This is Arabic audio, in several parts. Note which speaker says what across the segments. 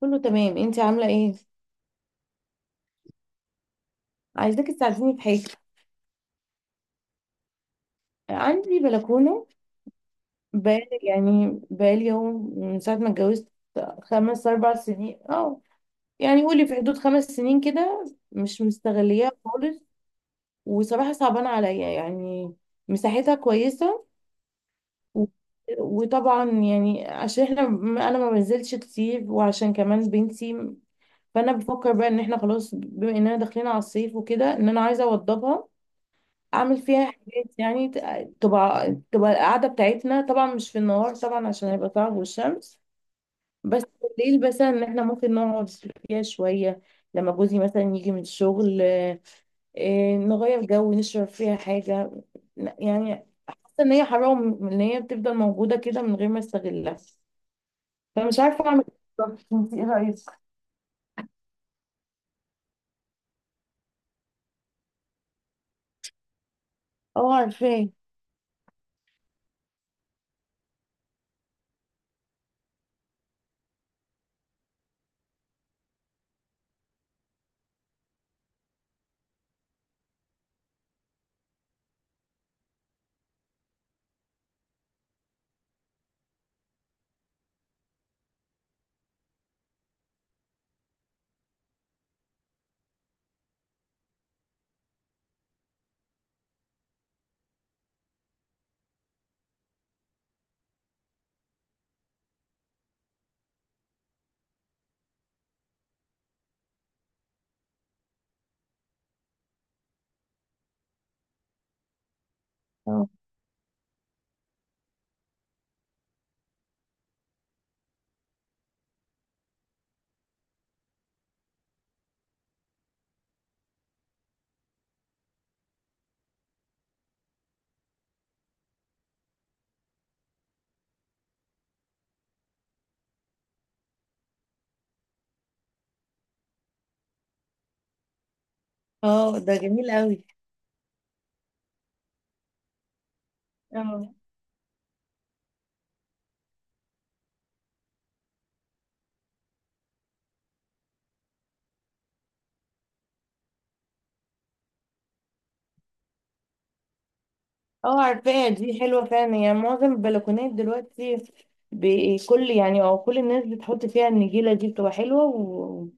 Speaker 1: كله تمام، انت عامله ايه؟ عايزاك تساعديني في حاجه. عندي بلكونه. بقالي يعني بقالي يوم من ساعه ما اتجوزت، خمس، اربع سنين، اه. يعني قولي في حدود 5 سنين كده. مش مستغليها خالص. وصراحه صعبانه عليا يعني. مساحتها كويسه و- وطبعا يعني عشان احنا انا ما بنزلش كتير وعشان كمان بنتي. فانا بفكر بقى ان احنا خلاص، بما اننا داخلين على الصيف وكده، ان انا عايزه اوضبها، اعمل فيها حاجات، يعني تبقى القعده بتاعتنا، طبعا مش في النهار، طبعا عشان هيبقى صعب والشمس، بس بالليل مثلا ان احنا ممكن نقعد فيها شويه، لما جوزي مثلا يجي من الشغل، نغير جو نشرب فيها حاجه. يعني حاسه ان هي حرام، ان هي بتفضل موجوده كده من غير ما استغلها. فمش عارفه اعمل إيه بالظبط. انت ايه رايك؟ اه، عارفاه. اه. اه، ده جميل قوي. اه، عارفاها، دي حلوة فعلا، يعني معظم البلكونات دلوقتي بكل يعني او كل الناس بتحط فيها النجيلة دي، بتبقى حلوة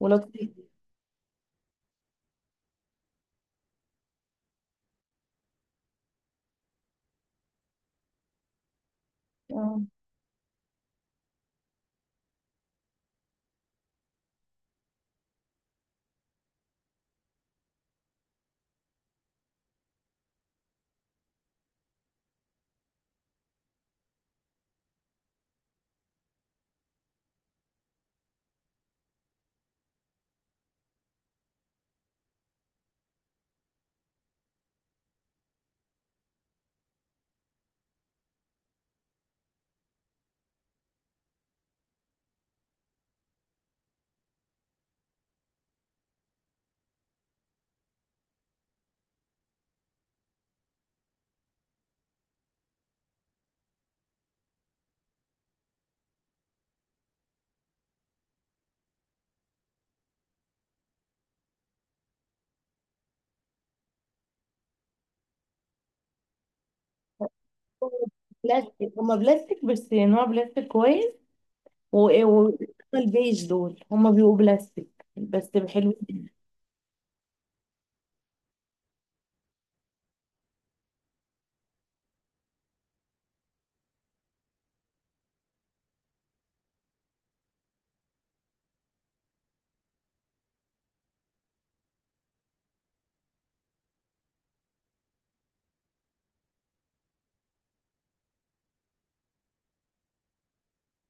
Speaker 1: ولطيفة. اه. هما بلاستيك بس نوع بلاستيك كويس. و... إيه، و... البيج دول هما بيبقوا بلاستيك بس حلوين.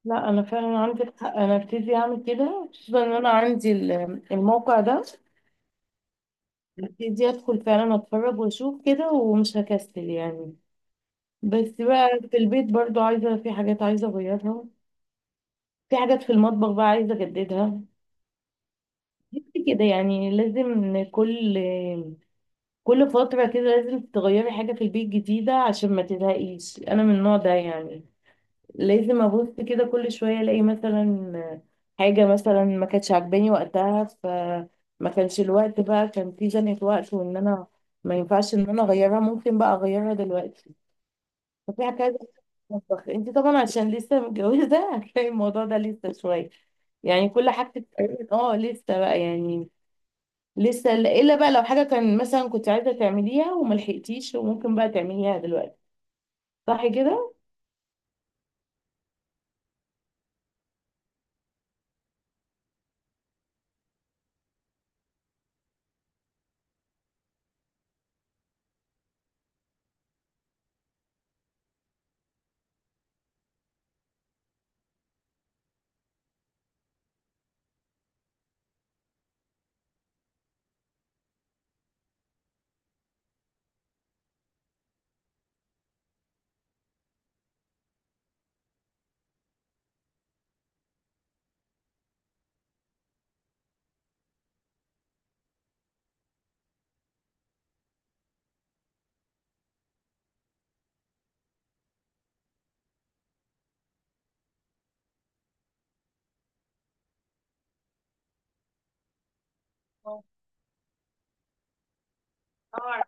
Speaker 1: لا، انا فعلا عندك حق، انا ابتدي اعمل كده، خصوصا ان انا عندي الموقع ده، ابتدي ادخل فعلا اتفرج واشوف كده ومش هكسل يعني. بس بقى في البيت برضو، عايزة في حاجات عايزة أغيرها، في حاجات في المطبخ بقى عايزة أجددها. بس كده يعني، لازم كل فترة كده لازم تغيري حاجة في البيت جديدة عشان ما تزهقيش. أنا من النوع ده يعني، لازم أبص كده كل شوية، ألاقي مثلا حاجة مثلا ما كانتش عجباني وقتها، فما كانش الوقت بقى، كان في زنقة وقت، وإن أنا ما ينفعش إن أنا أغيرها، ممكن بقى أغيرها دلوقتي. ففيها كذا مطبخ. انت طبعا عشان لسه متجوزة هتلاقي الموضوع ده لسه شوية، يعني كل حاجة بتتعمل، اه لسه بقى يعني، لسه الا بقى لو حاجة كان مثلا كنت عايزة تعمليها وملحقتيش، وممكن بقى تعمليها دلوقتي، صح كده؟ اه، طبعاً.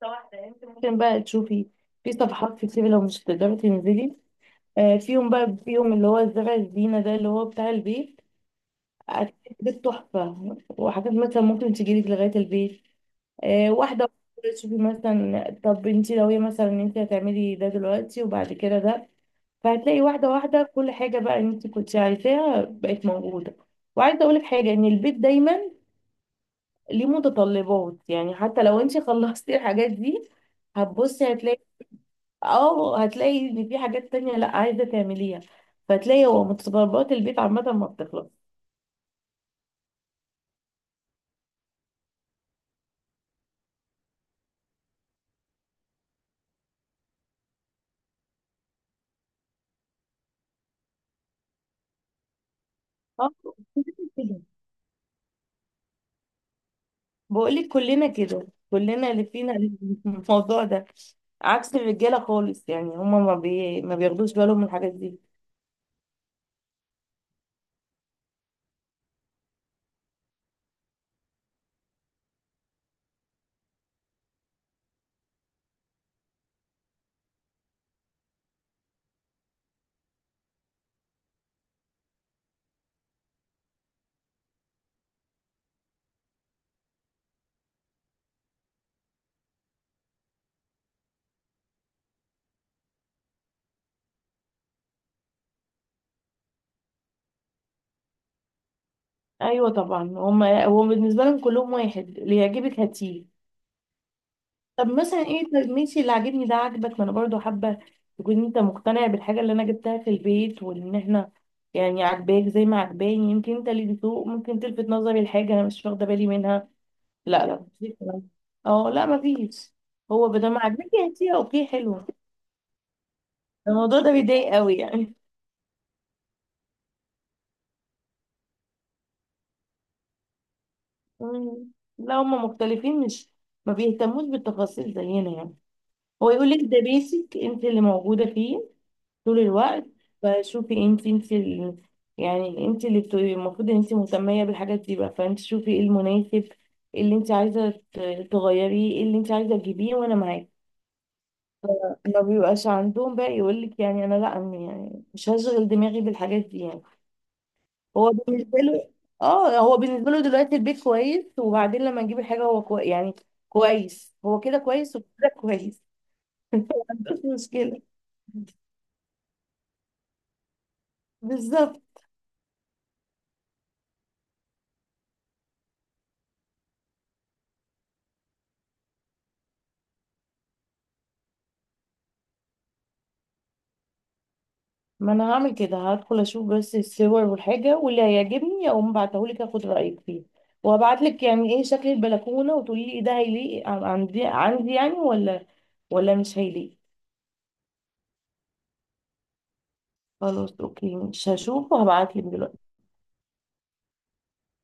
Speaker 1: طبعاً. انت ممكن بقى تشوفي في صفحات كتير، لو مش هتقدري تنزلي فيهم اللي هو الزرع الزينة ده اللي هو بتاع البيت، أكلت بيت تحفة، وحاجات مثلا ممكن تجيلك لغاية البيت. واحدة تشوفي مثلا، طب انت لو هي مثلا ان انت هتعملي ده دلوقتي وبعد كده ده، فهتلاقي واحدة واحدة كل حاجة بقى انت كنت عايزاها بقت موجودة. وعايزة اقولك حاجة، ان البيت دايما ليه متطلبات، يعني حتى لو انت خلصتي الحاجات دي، هتبصي هتلاقي، اه، هتلاقي ان في حاجات تانية لا عايزة تعمليها، فتلاقي هو متطلبات البيت عامة ما بتخلص. اه، بقولك كلنا كده، كلنا اللي فينا الموضوع ده، عكس الرجاله خالص، يعني هما ما بياخدوش بالهم من الحاجات دي. ايوه طبعا، هو بالنسبه لهم كلهم واحد، اللي يعجبك هاتيه. طب مثلا ايه، طب ماشي، اللي عاجبني ده عاجبك، ما انا برضو حابه تكون انت مقتنع بالحاجه اللي انا جبتها في البيت، وان احنا يعني عاجباك زي ما عجباني، يمكن انت اللي بتسوق ممكن تلفت نظري لحاجه انا مش واخده بالي منها. لا لا، مفيش الكلام ده. اه، لا، مفيش. هو بدل ما عجبك هاتيه، اوكي حلو، الموضوع ده بيضايق قوي يعني. مم. لا، هم مختلفين، مش ما بيهتموش بالتفاصيل زينا يعني. هو يقول لك ده بيسك انت اللي موجوده فيه طول الوقت، فشوفي انت اللي يعني، انت اللي المفروض ان انت مهتميه بالحاجات دي بقى، فانت شوفي ايه المناسب، إيه اللي انت عايزه تغيريه، إيه اللي انت عايزه تجيبيه، وانا معاكي. ما بيبقاش عندهم بقى يقول لك يعني انا، لا أنا يعني مش هشغل دماغي بالحاجات دي يعني. هو بالنسبه له، اه هو بالنسبه له دلوقتي البيت كويس، وبعدين لما نجيب الحاجه هو يعني كويس، هو كده كويس وكده كويس ما عندوش مشكله. بالظبط، ما انا هعمل كده، هدخل اشوف بس الصور والحاجه، واللي هيعجبني اقوم بعتهولك اخد رايك فيه، وابعت لك يعني ايه شكل البلكونه، وتقولي لي ده هيليق عندي يعني ولا، ولا مش هيليق. خلاص اوكي، مش هشوف وهبعت لك دلوقتي.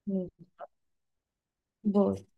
Speaker 1: ماشي. باي